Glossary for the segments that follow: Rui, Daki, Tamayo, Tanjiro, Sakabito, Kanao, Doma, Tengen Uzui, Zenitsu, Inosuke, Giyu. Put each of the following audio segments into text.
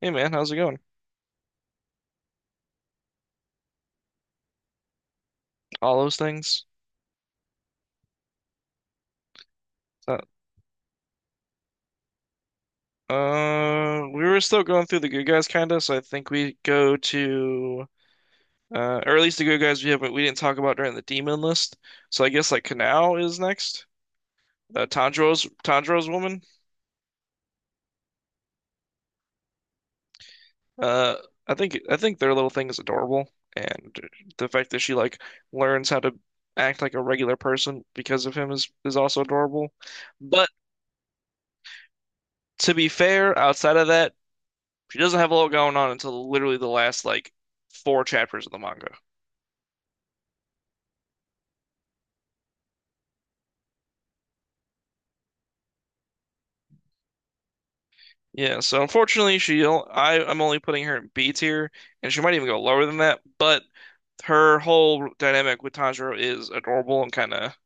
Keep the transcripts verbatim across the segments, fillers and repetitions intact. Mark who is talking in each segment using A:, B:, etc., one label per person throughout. A: Hey man, how's it going? All those things. So, uh, we were still going through the good guys, kinda. So I think we go to, uh, or at least the good guys we haven't we didn't talk about during the demon list. So I guess like Kanao is next. Uh, Tanjiro's Tanjiro's woman. Uh, I think I think their little thing is adorable, and the fact that she like learns how to act like a regular person because of him is is also adorable. But to be fair, outside of that, she doesn't have a lot going on until literally the last like four chapters of the manga. Yeah, so unfortunately, she I I'm only putting her in B tier, and she might even go lower than that. But her whole dynamic with Tanjiro is adorable and kind of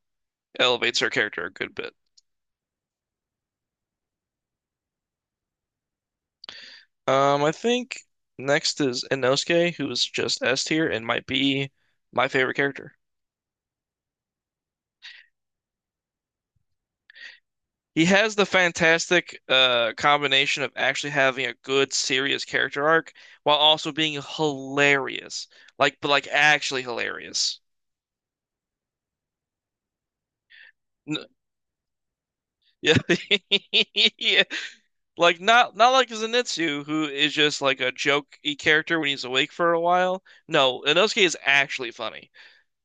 A: elevates her character a good bit. Um, I think next is Inosuke, who's just S tier and might be my favorite character. He has the fantastic uh, combination of actually having a good, serious character arc while also being hilarious. Like, but like actually hilarious. N- yeah. Yeah. Like not not like Zenitsu, who is just like a jokey character when he's awake for a while. No, Inosuke is actually funny.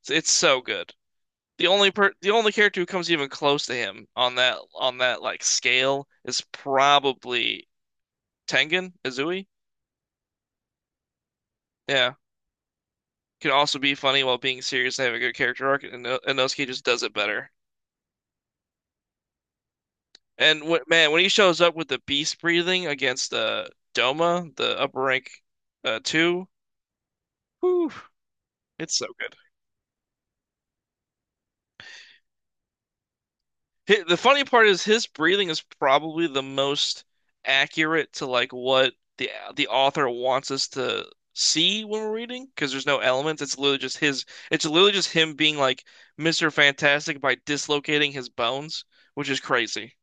A: It's, it's so good. The only per the only character who comes even close to him on that on that like scale is probably Tengen, Izui. Yeah. Can also be funny while being serious and have a good character arc, and No- Inosuke just does it better. And when, man, when he shows up with the beast breathing against uh, Doma, the upper rank uh, two, whew, it's so good. Hi- the funny part is his breathing is probably the most accurate to like what the the author wants us to see when we're reading because there's no elements. It's literally just his. It's literally just him being like Mister Fantastic by dislocating his bones, which is crazy.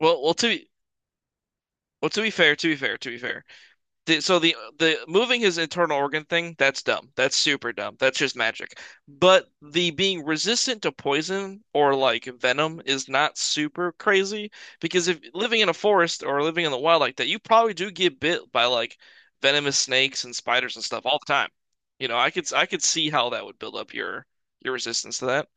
A: Well, well, to Well, to be fair, to be fair, to be fair. The, so the the moving his internal organ thing, that's dumb. That's super dumb. That's just magic. But the being resistant to poison or like venom is not super crazy because if living in a forest or living in the wild like that, you probably do get bit by like venomous snakes and spiders and stuff all the time. You know, I could I could see how that would build up your your resistance to that.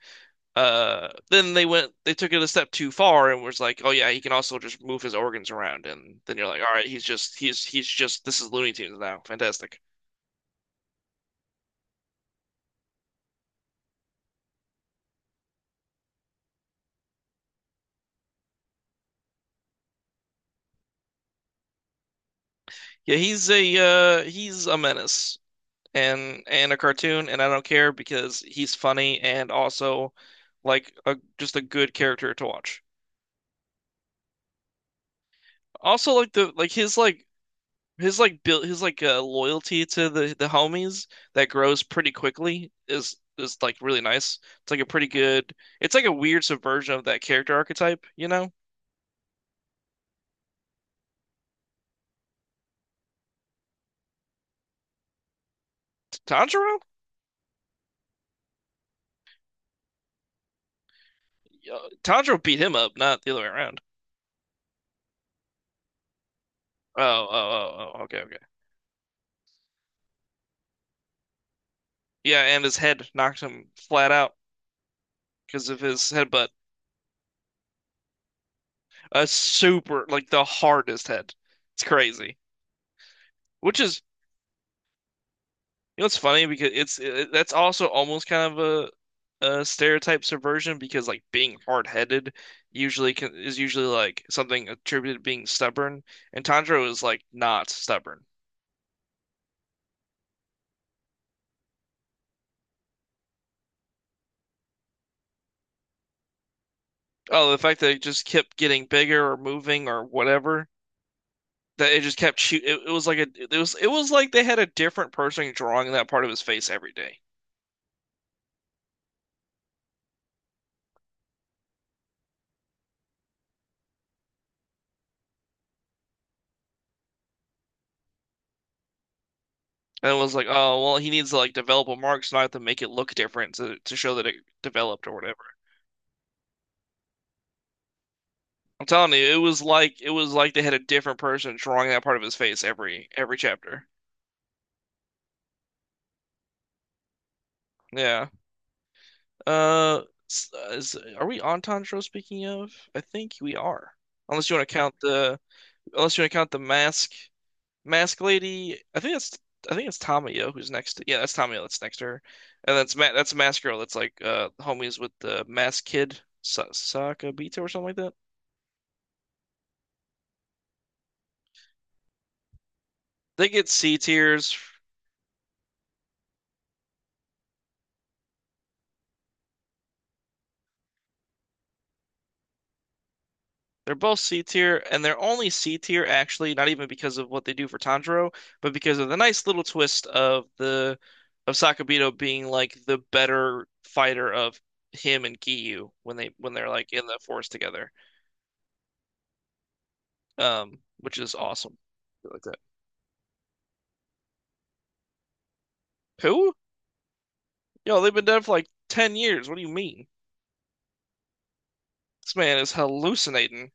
A: Uh, then they went, they took it a step too far and was like, oh yeah, he can also just move his organs around. And then you're like, all right, he's just, he's, he's just, this is Looney Tunes now. Fantastic. Yeah, he's a, uh, he's a menace and, and a cartoon. And I don't care because he's funny and also like a, just a good character to watch. Also, like the, like his, like, His like build, his like uh, loyalty to the the homies that grows pretty quickly is is like really nice. It's like a pretty good. It's like a weird subversion of that character archetype, you know? Tanjiro? Yeah, Tanjiro beat him up, not the other way around. Oh, oh, oh, oh, okay, okay. Yeah, and his head knocked him flat out because of his headbutt. A super like the hardest head. It's crazy. Which is You know, it's funny because it's it, that's also almost kind of a, a stereotype subversion because like being hard-headed usually can, is usually like something attributed to being stubborn, and Tanjiro is like not stubborn. Oh, the fact that it just kept getting bigger or moving or whatever that it just kept shoot. It, it was like a it was it was like they had a different person drawing that part of his face every day, and it was like, oh well, he needs to like develop a mark so I have to make it look different to to show that it developed or whatever. I'm telling you, it was like it was like they had a different person drawing that part of his face every every chapter. Yeah. Uh, s- uh, is, are we on Tanjiro speaking of? I think we are. Unless you want to count the Unless you want to count the mask mask lady. I think that's I think it's Tamayo who's next to, yeah, that's Tamayo that's next to her. And that's Ma that's mask girl that's like uh homies with the mask kid Sa Sakabito or something like that. They get C tiers. They're both C tier, and they're only C tier actually, not even because of what they do for Tanjiro, but because of the nice little twist of the of Sakabito being like the better fighter of him and Giyu when they when they're like in the forest together. Um, which is awesome. I like that. Who? Yo, they've been dead for like ten years. What do you mean? This man is hallucinating.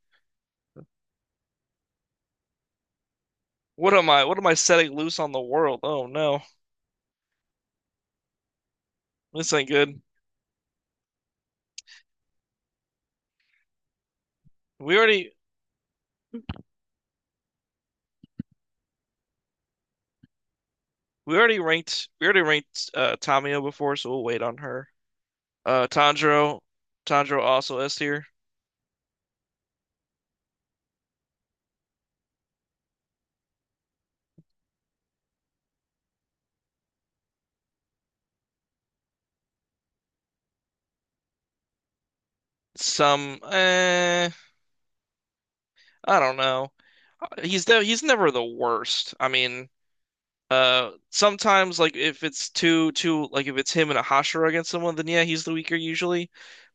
A: What am I? What am I setting loose on the world? Oh no. This ain't good. We already we already ranked we already ranked uh Tamio before, so we'll wait on her. Uh, Tanjiro, Tanjiro also S tier. Some, eh, I don't know. He's de he's never the worst. I mean, uh, sometimes like if it's too too like if it's him and a Hashira against someone, then yeah, he's the weaker usually.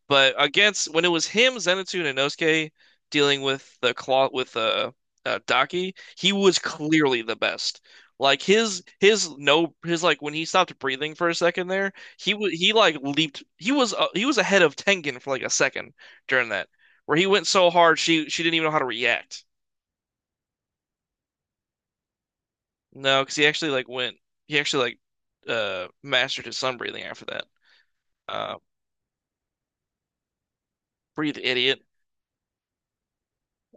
A: But against when it was him, Zenitsu, and Inosuke dealing with the claw with uh, uh Daki, he was clearly the best. Like his his no his like when he stopped breathing for a second there, he was he like leaped. He was uh, he was ahead of Tengen for like a second during that, where he went so hard she she didn't even know how to react. No, because he actually like went he actually like uh mastered his sun breathing after that. Uh, breathe, idiot.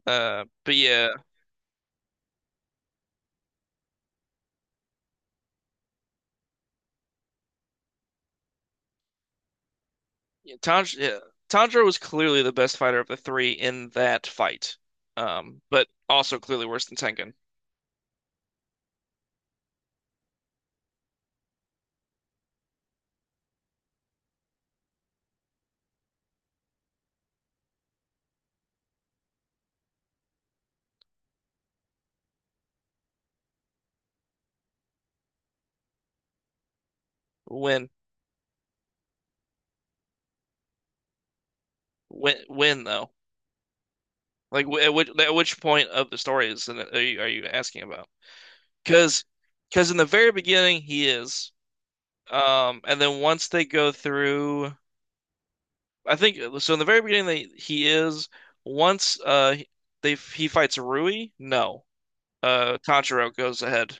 A: Uh, but yeah. Yeah, Tanj yeah, Tanjiro was clearly the best fighter of the three in that fight, um, but also clearly worse than Tengen. When, when, when though? Like, wh- at which at which point of the story is are you, are you asking about? Because because in the very beginning he is, um, and then once they go through, I think so. In the very beginning, they he is. Once uh they he fights Rui, no, uh Tanjiro goes ahead.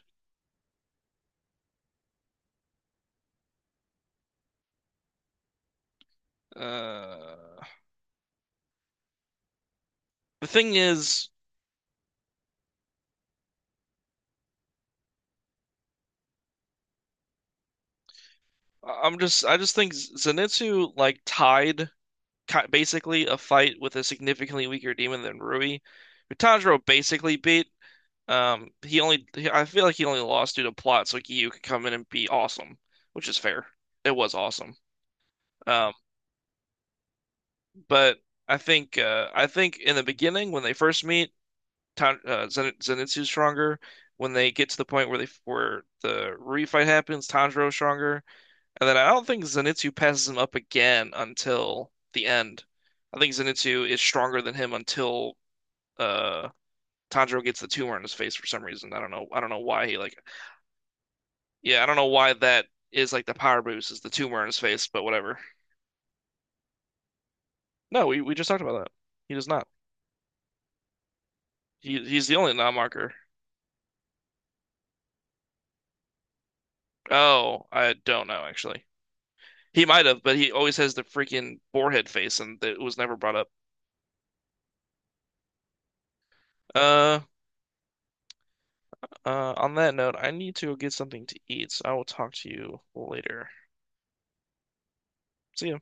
A: Uh, the thing is. I- am just I just think Zenitsu like tied ki- basically a fight with a significantly weaker demon than Rui, who Tanjiro basically beat. Um, he only he- I feel like he only lost due to plot, so Gyu could come in and be awesome, which is fair. It was awesome. Um, but I think uh I think in the beginning when they first meet, Tan uh, Zen Zenitsu's stronger. When they get to the point where they where the Rui fight happens, Tanjiro's stronger. And then I don't think Zenitsu passes him up again until the end. I think Zenitsu is stronger than him until uh Tanjiro gets the tumor in his face for some reason. I don't know. I don't know why he like yeah, I don't know why that is like the power boost is the tumor in his face, but whatever. No, we, we just talked about that. He does not. He he's the only non-marker. Oh, I don't know actually. He might have, but he always has the freaking boarhead face and it was never brought up. Uh, uh, on that note, I need to go get something to eat, so I will talk to you later. See ya.